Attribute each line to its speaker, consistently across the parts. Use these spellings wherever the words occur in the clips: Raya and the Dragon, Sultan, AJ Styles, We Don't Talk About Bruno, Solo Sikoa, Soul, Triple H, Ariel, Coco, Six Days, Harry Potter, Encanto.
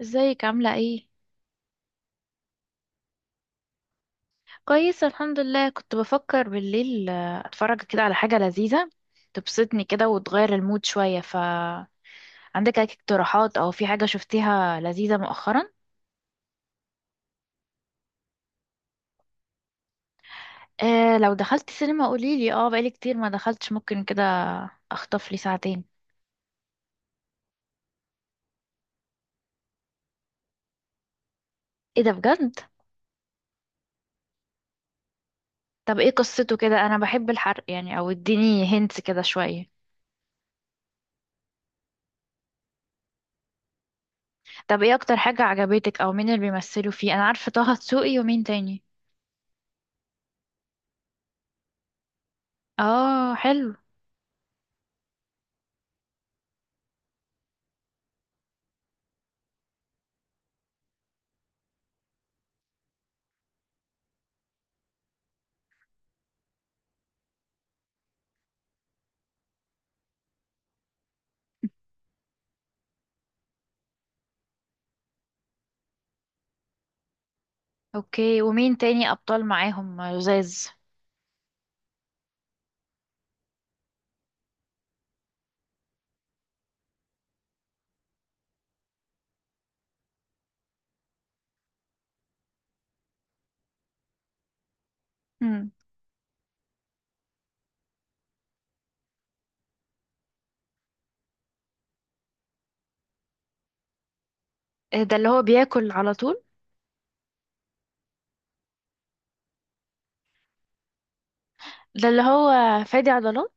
Speaker 1: ازيك، عاملة ايه؟ كويس الحمد لله. كنت بفكر بالليل اتفرج كده على حاجة لذيذة تبسطني كده وتغير المود شوية. ف عندك اي اقتراحات او في حاجة شفتيها لذيذة مؤخرا؟ آه، لو دخلت سينما قوليلي. اه بقالي كتير ما دخلتش، ممكن كده اخطف لي ساعتين. ايه ده بجد؟ طب ايه قصته؟ كده انا بحب الحرق يعني، او اديني هنت كده شوية. طب ايه اكتر حاجة عجبتك، او مين اللي بيمثلوا فيه؟ انا عارفة طه دسوقي، ومين تاني؟ اه، حلو. اوكي، ومين تاني ابطال معاهم لزاز؟ مم. إيه ده اللي هو بياكل على طول؟ ده اللي هو فادي عضلات.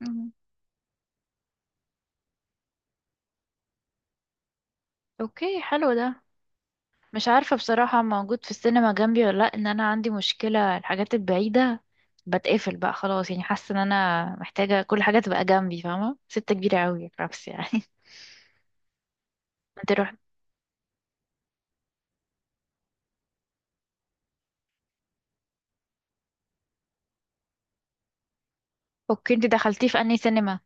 Speaker 1: مم. اوكي، حلو ده. مش عارفة بصراحة موجود في السينما جنبي ولا لا، ان انا عندي مشكلة الحاجات البعيدة بتقفل بقى خلاص. يعني حاسة ان انا محتاجة كل حاجة تبقى جنبي، فاهمة؟ ستة كبيرة قوي رأس يعني. انت رحت؟ اوكي، انت دخلتيه في انهي سينما؟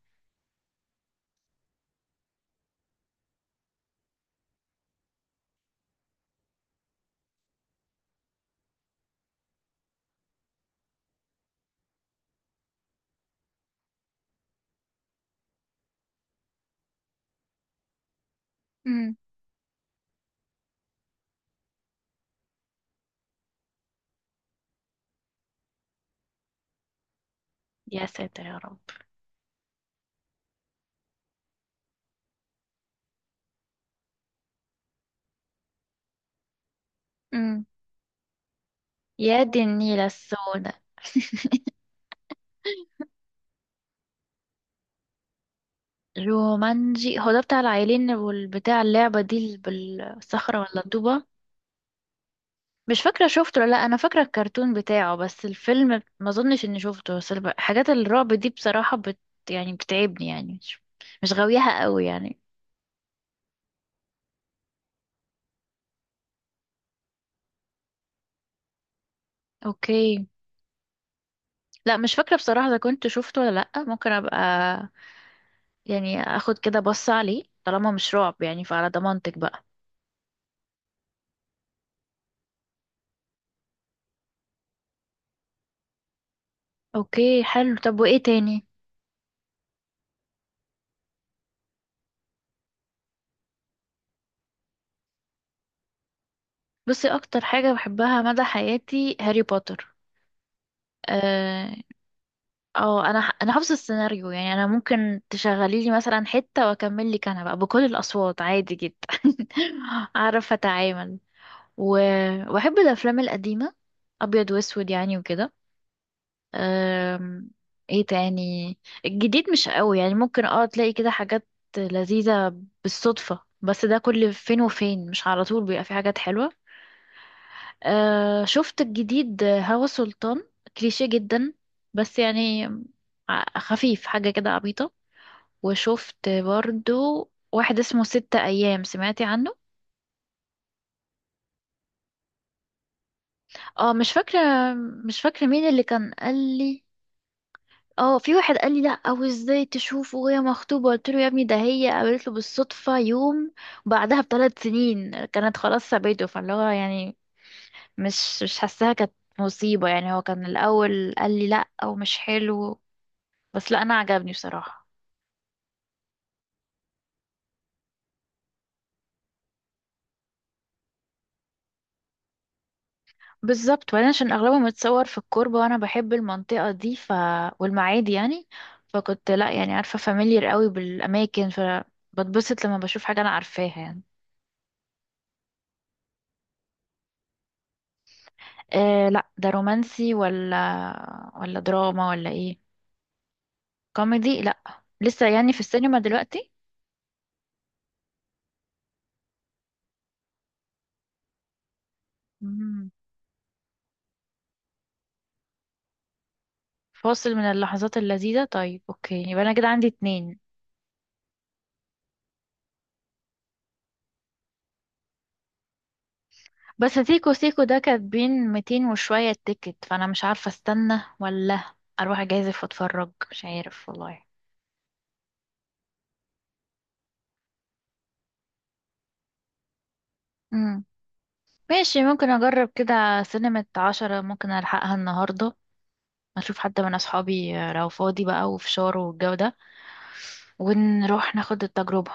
Speaker 1: مم. يا ساتر يا رب. مم. يا دي النيلة السوداء. رومانجي، هو ده بتاع العيلين والبتاع اللعبة دي بالصخرة ولا الطوبة؟ مش فاكرة شفته ولا لا. أنا فاكرة الكرتون بتاعه، بس الفيلم ما أظنش إني شفته. بس حاجات الرعب دي بصراحة يعني بتعبني، يعني مش غاويها قوي يعني. أوكي. لا، مش فاكرة بصراحة إذا كنت شفته ولا لأ. ممكن أبقى يعني أخد كده بص عليه طالما مش رعب، يعني فعلى ضمانتك بقى. أوكي، حلو. طب وإيه تاني؟ بصي، أكتر حاجة بحبها مدى حياتي هاري بوتر. آه، انا حافظه السيناريو يعني، انا ممكن تشغلي لي مثلا حته واكمل لك انا بقى بكل الاصوات عادي جدا. اعرف اتعامل. و... واحب الافلام القديمه ابيض واسود يعني وكده. أم... ايه تاني؟ الجديد مش قوي، يعني ممكن تلاقي كده حاجات لذيذه بالصدفه، بس ده كل فين وفين، مش على طول بيبقى في حاجات حلوه. شفت الجديد هوا سلطان؟ كليشيه جدا بس يعني، خفيف حاجة كده عبيطة. وشفت برضو واحد اسمه ستة أيام، سمعتي عنه؟ اه، مش فاكرة. مش فاكرة مين اللي كان قال لي. اه، في واحد قال لي لا، او ازاي تشوفه وهي مخطوبة؟ قلت له يا ابني ده هي قابلت له بالصدفة يوم بعدها ب3 سنين، كانت خلاص سابته، فاللي هو يعني مش حاساها كانت مصيبة يعني. هو كان الأول قال لي لأ ومش حلو، بس لا، انا عجبني بصراحه. بالظبط، وبعدين عشان اغلبه متصور في الكوربه، وانا بحب المنطقه دي، ف والمعادي يعني. فكنت لا يعني عارفه فاميليار قوي بالاماكن، فبتبسط لما بشوف حاجه انا عارفاها يعني. آه لا، ده رومانسي ولا دراما ولا ايه؟ كوميدي؟ لا، لسه يعني في السينما دلوقتي. مم. فاصل من اللحظات اللذيذه. طيب اوكي، يبقى انا كده عندي اتنين. بس سيكو سيكو ده كاتبين 200 وشوية تيكت، فأنا مش عارفة استنى ولا أروح أجازف وأتفرج، مش عارف والله. مم. ماشي، ممكن أجرب كده. سينما 10 ممكن ألحقها النهاردة، أشوف حد من أصحابي لو فاضي بقى وفشار والجو ده، ونروح ناخد التجربة.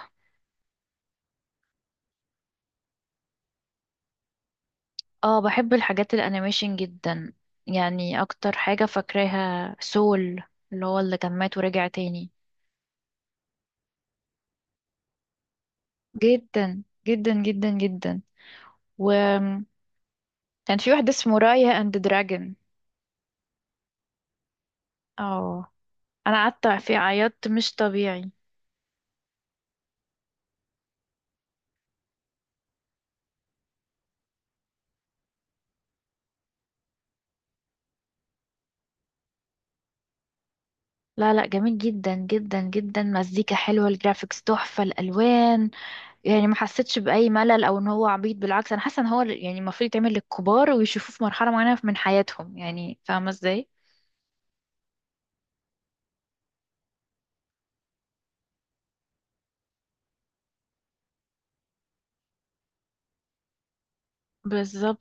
Speaker 1: اه، بحب الحاجات الأنيميشن جدا. يعني أكتر حاجة فاكراها سول، اللي هو اللي كان مات ورجع تاني. جدا جدا جدا جدا. كان في واحد اسمه رايا اند دراجون. اه، انا قعدت في عيطت مش طبيعي. لا لا، جميل جدا جدا جدا. مزيكا حلوة، الجرافيكس تحفة، الألوان، يعني ما حسيتش بأي ملل أو إن هو عبيط. بالعكس أنا حاسة إن هو يعني المفروض يتعمل للكبار ويشوفوه في مرحلة معينة من حياتهم، يعني فاهمة إزاي؟ بالظبط.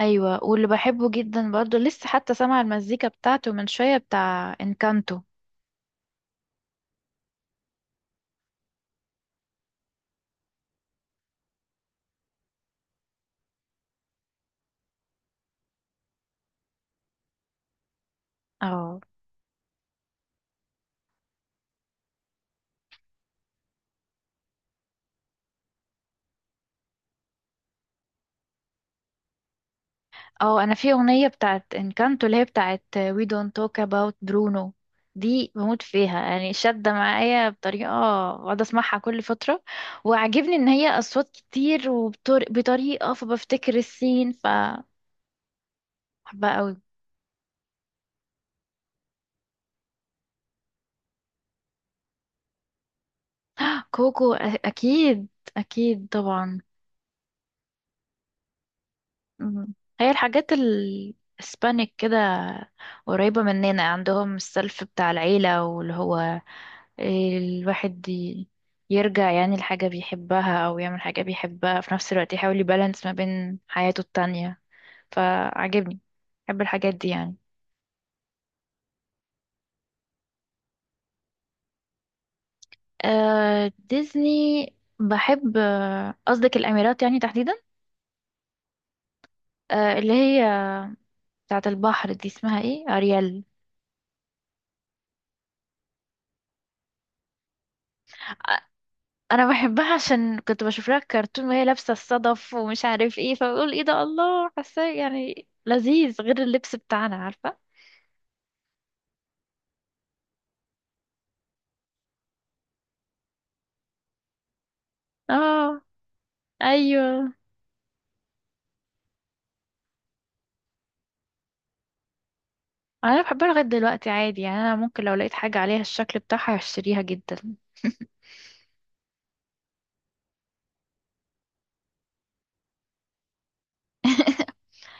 Speaker 1: أيوة، واللي بحبه جدا برضه لسه، حتى سامعة المزيكا بتاعته من شوية بتاع إنكانتو. اه اه، انا في اغنيه بتاعت انكانتو اللي هي بتاعت We don't talk about Bruno. دي بموت فيها يعني، شادة معايا بطريقة، بقعد اسمعها كل فترة. وعجبني ان هي اصوات كتير وبطريقة، فبفتكر السين فبحبها قوي. كوكو اكيد، اكيد طبعا. مم. هي الحاجات الاسبانيك كده قريبة مننا. عندهم السلف بتاع العيلة، واللي هو الواحد يرجع يعني لحاجة بيحبها أو يعمل حاجة بيحبها في نفس الوقت، يحاول يبالانس ما بين حياته التانية، فعجبني. بحب الحاجات دي يعني. آه، ديزني. بحب، قصدك الأميرات يعني تحديدا؟ آه، اللي هي بتاعة البحر دي اسمها ايه؟ أريال. انا بحبها عشان كنت بشوف لها كرتون وهي لابسه الصدف ومش عارف ايه، فبقول ايه ده، الله حاساه يعني لذيذ، غير اللبس بتاعنا، عارفه؟ اه، ايوه. انا بحبها لغايه دلوقتي عادي يعني، انا ممكن لو لقيت حاجه عليها الشكل بتاعها هشتريها جدا.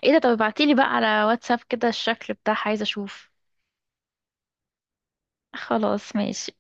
Speaker 1: ايه ده؟ طب ابعتيلي بقى على واتساب كده الشكل بتاعها، عايزه اشوف. خلاص، ماشي.